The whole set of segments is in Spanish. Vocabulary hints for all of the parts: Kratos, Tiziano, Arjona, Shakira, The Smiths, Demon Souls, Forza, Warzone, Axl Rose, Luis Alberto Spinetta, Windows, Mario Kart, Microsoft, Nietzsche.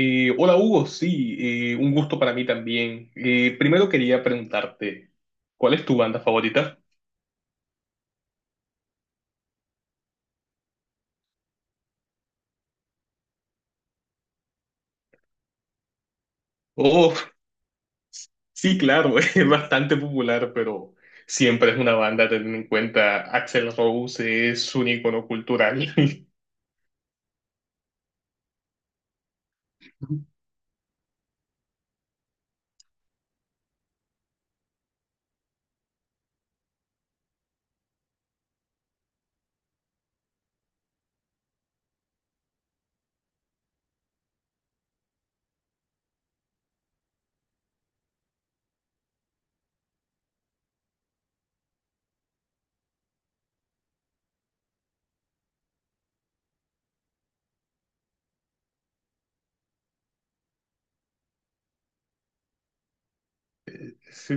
Hola Hugo, sí, un gusto para mí también. Primero quería preguntarte, ¿cuál es tu banda favorita? Oh, sí, claro, es bastante popular, pero siempre es una banda a tener en cuenta. Axl Rose es un icono cultural. Sí.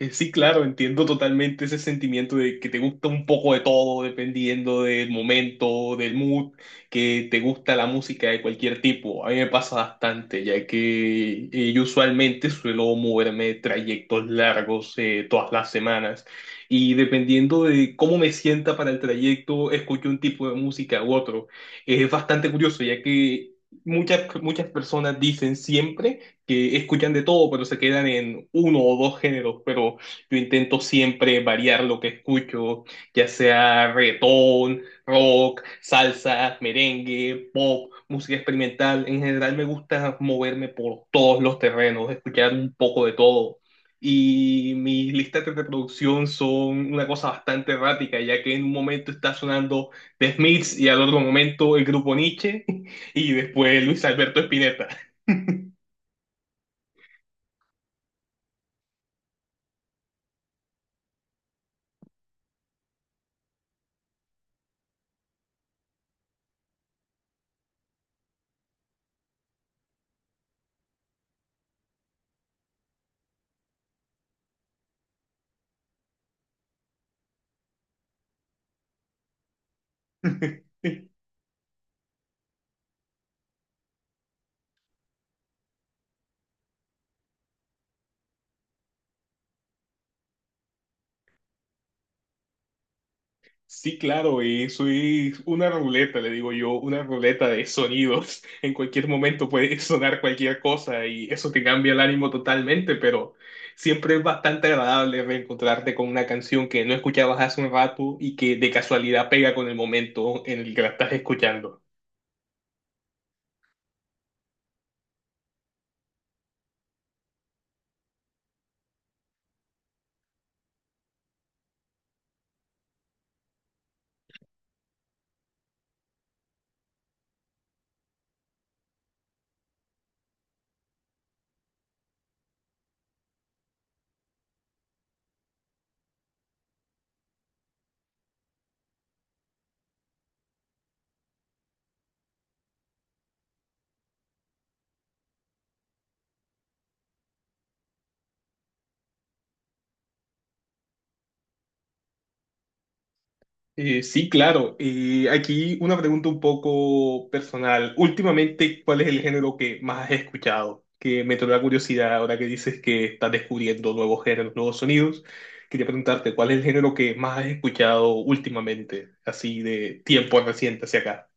Sí, claro, entiendo totalmente ese sentimiento de que te gusta un poco de todo, dependiendo del momento, del mood, que te gusta la música de cualquier tipo. A mí me pasa bastante, ya que yo usualmente suelo moverme trayectos largos todas las semanas y dependiendo de cómo me sienta para el trayecto, escucho un tipo de música u otro. Es bastante curioso, ya que muchas personas dicen siempre que escuchan de todo, pero se quedan en uno o dos géneros, pero yo intento siempre variar lo que escucho, ya sea reggaetón, rock, salsa, merengue, pop, música experimental. En general me gusta moverme por todos los terrenos, escuchar un poco de todo. Y mis listas de reproducción son una cosa bastante errática, ya que en un momento está sonando The Smiths y al otro momento el grupo Nietzsche y después Luis Alberto Spinetta. Sí, claro, eso es una ruleta, le digo yo, una ruleta de sonidos. En cualquier momento puede sonar cualquier cosa y eso te cambia el ánimo totalmente, pero siempre es bastante agradable reencontrarte con una canción que no escuchabas hace un rato y que de casualidad pega con el momento en el que la estás escuchando. Sí, claro. Y aquí una pregunta un poco personal. Últimamente, ¿cuál es el género que más has escuchado? Que me trae la curiosidad ahora que dices que estás descubriendo nuevos géneros, nuevos sonidos. Quería preguntarte, ¿cuál es el género que más has escuchado últimamente, así de tiempo reciente hacia acá?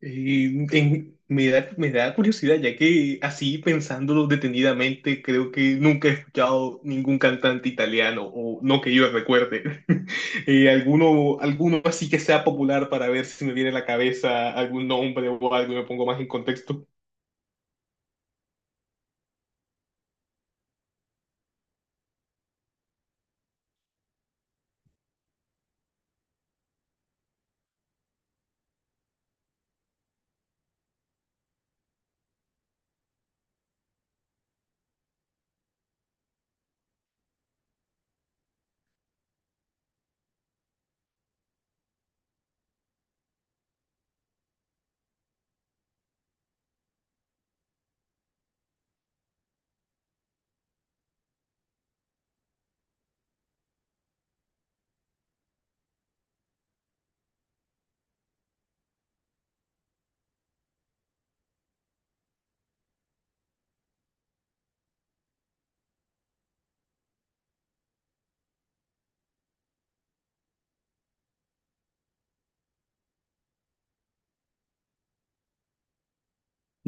Me da curiosidad, ya que así pensándolo detenidamente, creo que nunca he escuchado ningún cantante italiano, o no que yo recuerde. Alguno, alguno así que sea popular para ver si me viene a la cabeza algún nombre o algo y me pongo más en contexto.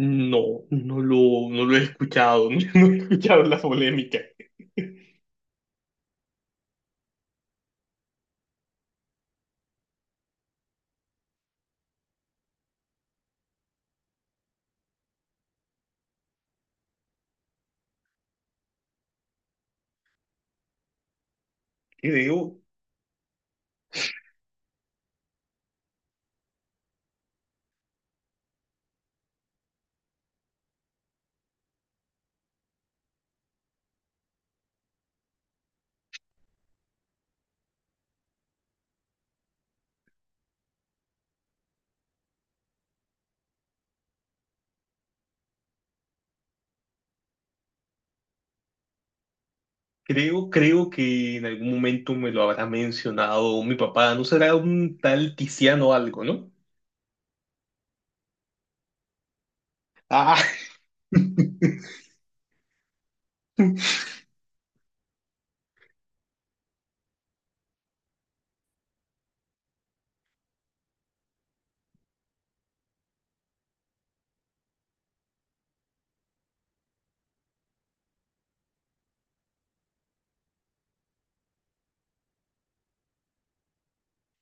No lo he escuchado, no, he escuchado la polémica. Creo, creo que en algún momento me lo habrá mencionado mi papá, no será un tal Tiziano algo, ¿no? Ah,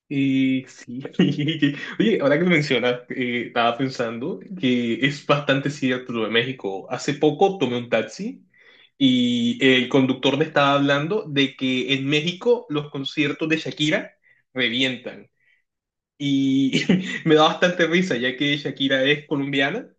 sí. Oye, ahora que lo mencionas, estaba pensando que es bastante cierto lo de México. Hace poco tomé un taxi y el conductor me estaba hablando de que en México los conciertos de Shakira revientan. Y me da bastante risa, ya que Shakira es colombiana.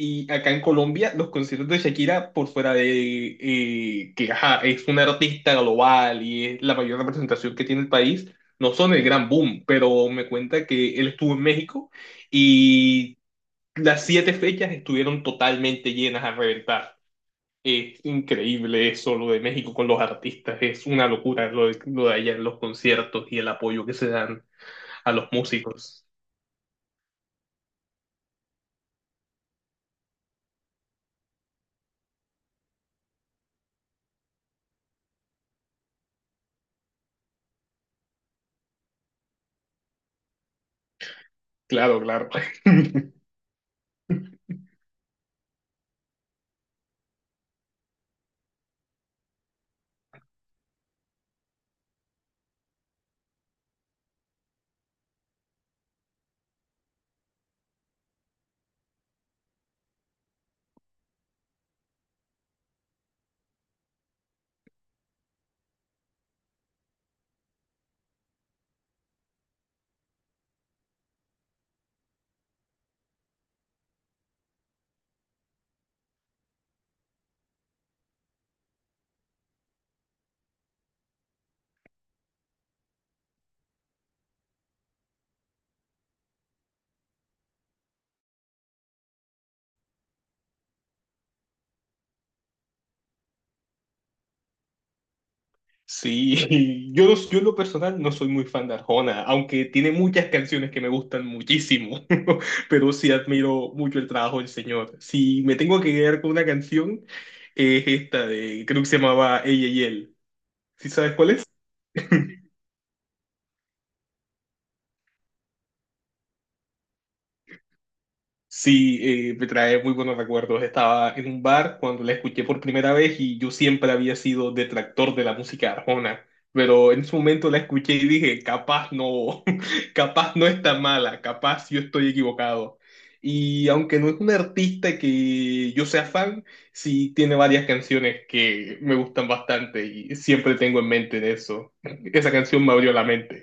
Y acá en Colombia, los conciertos de Shakira, por fuera de que ajá, es una artista global y es la mayor representación que tiene el país, no son el gran boom, pero me cuenta que él estuvo en México y las 7 fechas estuvieron totalmente llenas a reventar. Es increíble eso, lo de México con los artistas, es una locura lo de allá en los conciertos y el apoyo que se dan a los músicos. Claro, claro. Sí, yo en lo personal no soy muy fan de Arjona, aunque tiene muchas canciones que me gustan muchísimo, pero sí admiro mucho el trabajo del señor. Si me tengo que quedar con una canción, es esta de, creo que se llamaba Ella y él. ¿Sí sabes cuál es? Sí, me trae muy buenos recuerdos. Estaba en un bar cuando la escuché por primera vez y yo siempre había sido detractor de la música arjona, pero en ese momento la escuché y dije, capaz no, capaz no está mala, capaz yo estoy equivocado. Y aunque no es un artista que yo sea fan, sí tiene varias canciones que me gustan bastante y siempre tengo en mente de eso. Esa canción me abrió la mente.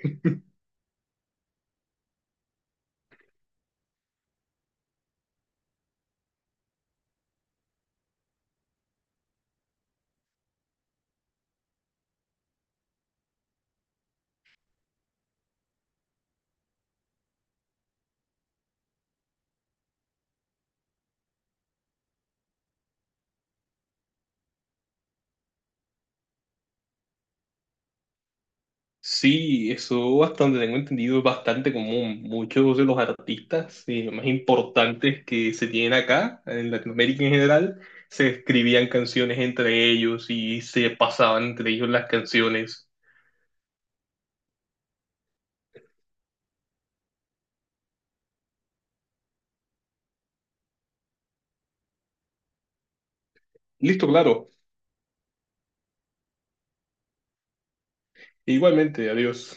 Sí, eso bastante, tengo entendido, es bastante común. Muchos de los artistas más importantes que se tienen acá, en Latinoamérica en general, se escribían canciones entre ellos y se pasaban entre ellos las canciones. Listo, claro. Igualmente, adiós.